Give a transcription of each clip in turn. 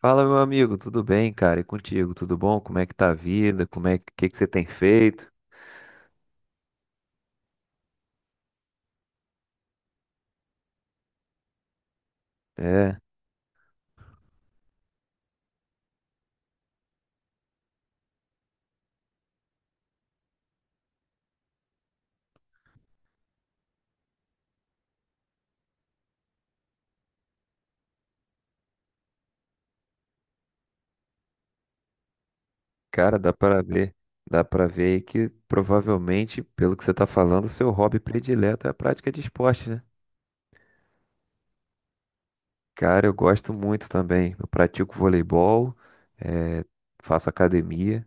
Fala, meu amigo, tudo bem, cara? E contigo, tudo bom? Como é que tá a vida? Como é que que você tem feito? É, cara, dá pra ver aí que provavelmente, pelo que você tá falando, o seu hobby predileto é a prática de esporte, né? Cara, eu gosto muito também. Eu pratico voleibol, eh, faço academia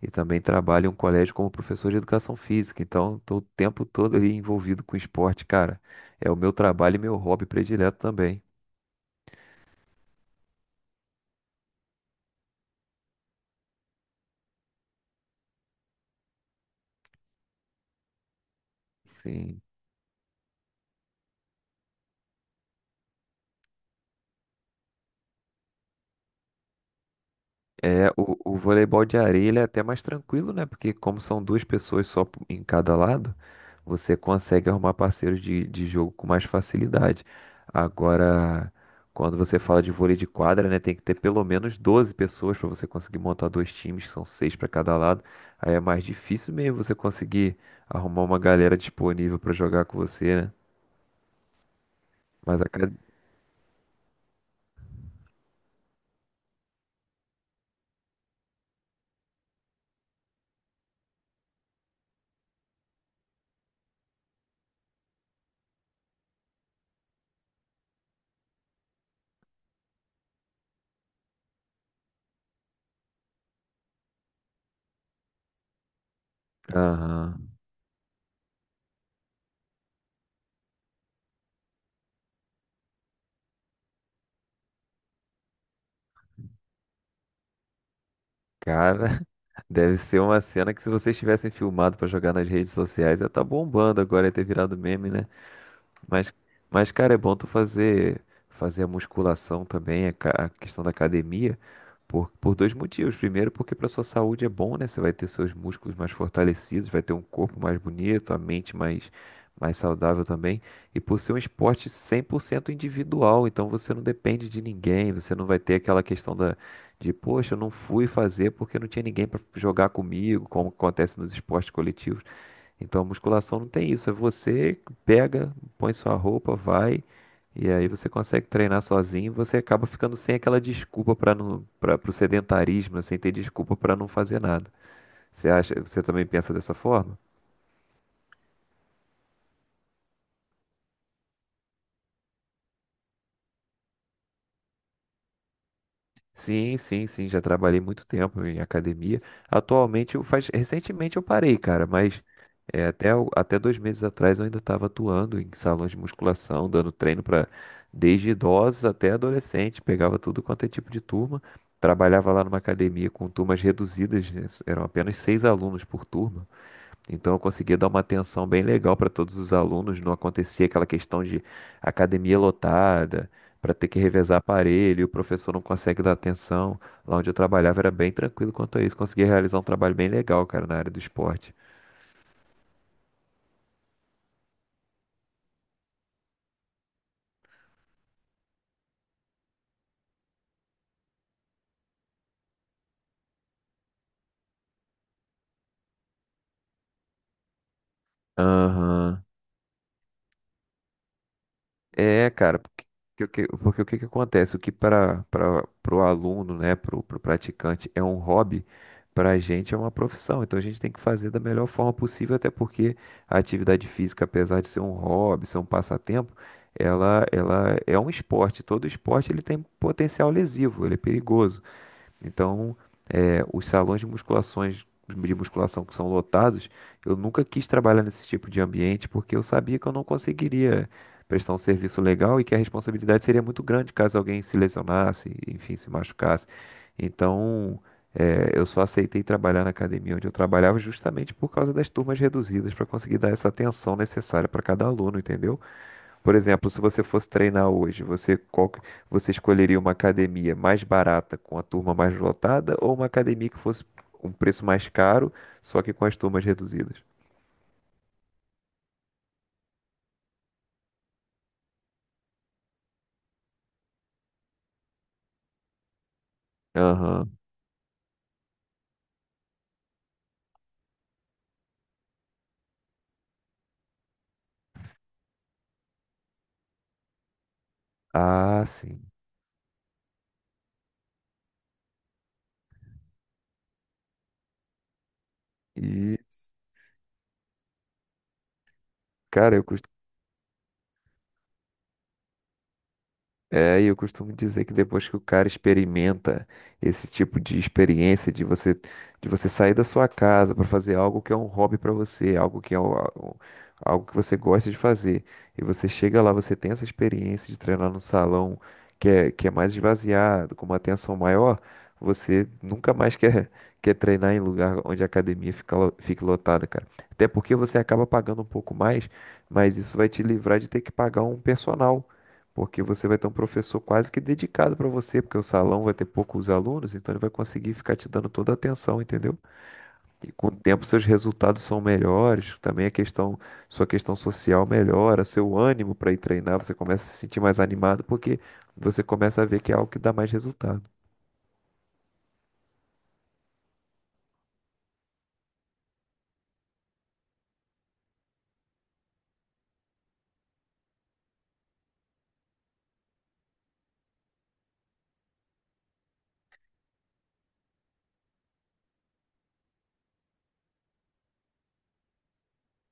e também trabalho em um colégio como professor de educação física. Então, estou o tempo todo ali envolvido com esporte, cara. É o meu trabalho e meu hobby predileto também. Sim. É, o voleibol de areia ele é até mais tranquilo, né? Porque como são duas pessoas só em cada lado, você consegue arrumar parceiros de jogo com mais facilidade. Agora, quando você fala de vôlei de quadra, né? Tem que ter pelo menos 12 pessoas para você conseguir montar 2 times, que são 6 para cada lado. Aí é mais difícil mesmo você conseguir arrumar uma galera disponível para jogar com você, né? Mas a cada... Aham. Cara, deve ser uma cena que se vocês tivessem filmado pra jogar nas redes sociais, ia tá bombando agora, ia ter virado meme, né? Mas, mas, cara, é bom tu fazer a musculação também, a questão da academia, por 2 motivos. Primeiro, porque para sua saúde é bom, né? Você vai ter seus músculos mais fortalecidos, vai ter um corpo mais bonito, a mente mais saudável também. E por ser um esporte 100% individual, então você não depende de ninguém, você não vai ter aquela questão de, poxa, eu não fui fazer porque não tinha ninguém para jogar comigo, como acontece nos esportes coletivos. Então a musculação não tem isso, é você pega, põe sua roupa, vai, e aí você consegue treinar sozinho, e você acaba ficando sem aquela desculpa para não para o sedentarismo, né, sem ter desculpa para não fazer nada. Você também pensa dessa forma? Sim, sim, sim, já trabalhei muito tempo em academia. Atualmente, recentemente eu parei, cara, mas até 2 meses atrás eu ainda estava atuando em salões de musculação, dando treino para desde idosos até adolescentes, pegava tudo quanto é tipo de turma, trabalhava lá numa academia com turmas reduzidas, né, eram apenas 6 alunos por turma. Então eu conseguia dar uma atenção bem legal para todos os alunos, não acontecia aquela questão de academia lotada, para ter que revezar aparelho, e o professor não consegue dar atenção. Lá onde eu trabalhava era bem tranquilo quanto a isso, conseguia realizar um trabalho bem legal, cara, na área do esporte. Aham. É, cara, porque o que que acontece? O que para o aluno, né, para o praticante é um hobby, para a gente é uma profissão. Então a gente tem que fazer da melhor forma possível, até porque a atividade física, apesar de ser um hobby, ser um passatempo, ela é um esporte. Todo esporte ele tem potencial lesivo, ele é perigoso. Então os salões de musculação que são lotados, eu nunca quis trabalhar nesse tipo de ambiente porque eu sabia que eu não conseguiria prestar um serviço legal e que a responsabilidade seria muito grande caso alguém se lesionasse, enfim, se machucasse. Então, eu só aceitei trabalhar na academia onde eu trabalhava justamente por causa das turmas reduzidas para conseguir dar essa atenção necessária para cada aluno, entendeu? Por exemplo, se você fosse treinar hoje, você escolheria uma academia mais barata com a turma mais lotada ou uma academia que fosse um preço mais caro, só que com as turmas reduzidas? Aham. Ah, sim. Isso. Cara, eu, É, e eu costumo dizer que depois que o cara experimenta esse tipo de experiência de você sair da sua casa para fazer algo que é um hobby para você, algo que é o- algo que você gosta de fazer, e você chega lá, você tem essa experiência de treinar num salão que é mais esvaziado, com uma atenção maior, você nunca mais quer quer treinar em lugar onde a academia fique lotada, cara. Até porque você acaba pagando um pouco mais, mas isso vai te livrar de ter que pagar um personal porque você vai ter um professor quase que dedicado para você, porque o salão vai ter poucos alunos, então ele vai conseguir ficar te dando toda a atenção, entendeu? E com o tempo seus resultados são melhores, também a questão, sua questão social melhora, seu ânimo para ir treinar, você começa a se sentir mais animado, porque você começa a ver que é algo que dá mais resultado.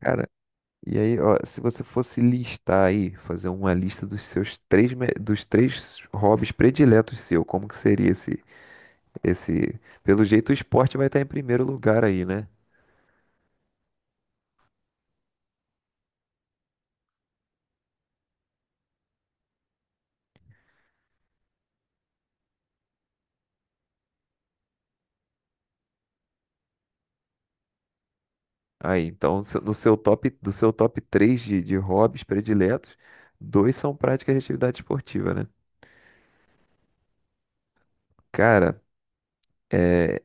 Cara, e aí, ó, se você fosse listar aí, fazer uma lista dos três hobbies prediletos seu, como que seria Pelo jeito o esporte vai estar em primeiro lugar aí, né? Aí, então, no seu top 3 de hobbies prediletos, dois são práticas de atividade esportiva, né? Cara, é,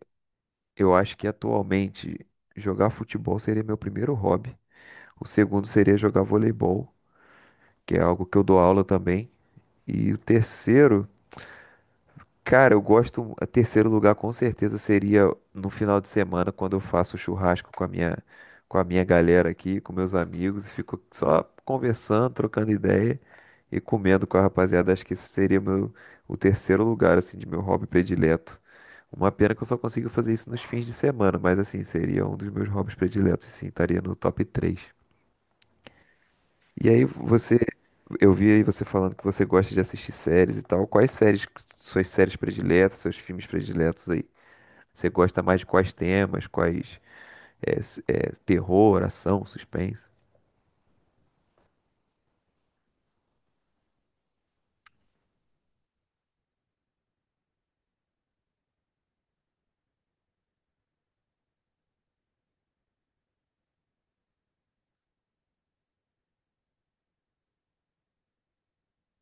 eu acho que atualmente jogar futebol seria meu primeiro hobby. O segundo seria jogar voleibol, que é algo que eu dou aula também. E o terceiro cara, eu gosto. A Terceiro lugar com certeza seria no final de semana, quando eu faço churrasco com a minha galera aqui, com meus amigos, e fico só conversando, trocando ideia e comendo com a rapaziada. Acho que esse seria meu, o terceiro lugar, assim, de meu hobby predileto. Uma pena que eu só consigo fazer isso nos fins de semana, mas assim, seria um dos meus hobbies prediletos, sim, estaria no top 3. E aí eu vi aí você falando que você gosta de assistir séries e tal. Quais séries, suas séries prediletas, seus filmes prediletos aí? Você gosta mais de quais temas? Quais terror, ação, suspense?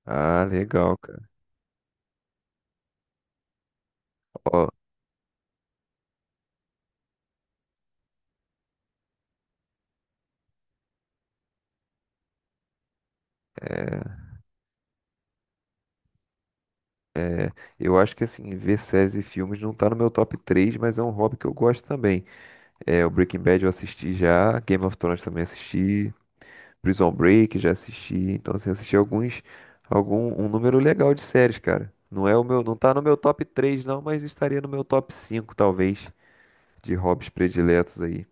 Ah, legal, cara. Ó, é, é, eu acho que assim, ver séries e filmes não tá no meu top 3, mas é um hobby que eu gosto também. É, o Breaking Bad eu assisti já, Game of Thrones também assisti, Prison Break, já assisti. Então, assim, assisti um número legal de séries, cara. Não é o meu, não tá no meu top 3 não, mas estaria no meu top 5 talvez, de hobbies prediletos aí.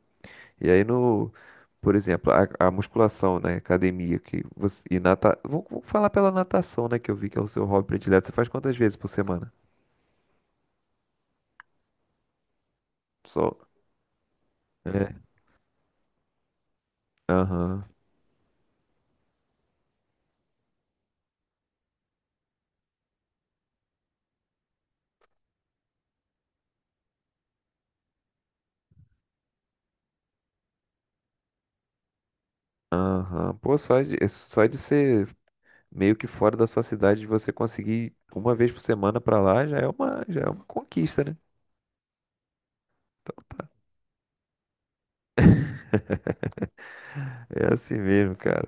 E aí no, por exemplo, a musculação, né, academia, que você, e nata, vou, vou falar pela natação, né, que eu vi que é o seu hobby predileto. Você faz quantas vezes por semana? Só. É. Aham. Aham. Pô, só de, é só de ser meio que fora da sua cidade, você conseguir uma vez por semana pra lá já é uma conquista, né? Então tá. É assim mesmo, cara.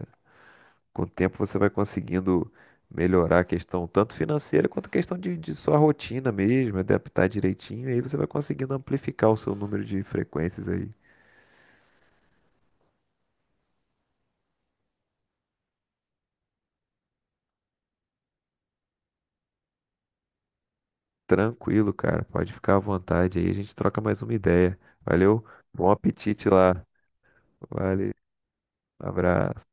Com o tempo você vai conseguindo melhorar a questão tanto financeira quanto a questão de sua rotina mesmo, adaptar direitinho, e aí você vai conseguindo amplificar o seu número de frequências aí. Tranquilo, cara. Pode ficar à vontade aí, a gente troca mais uma ideia. Valeu, bom apetite lá. Valeu, abraço.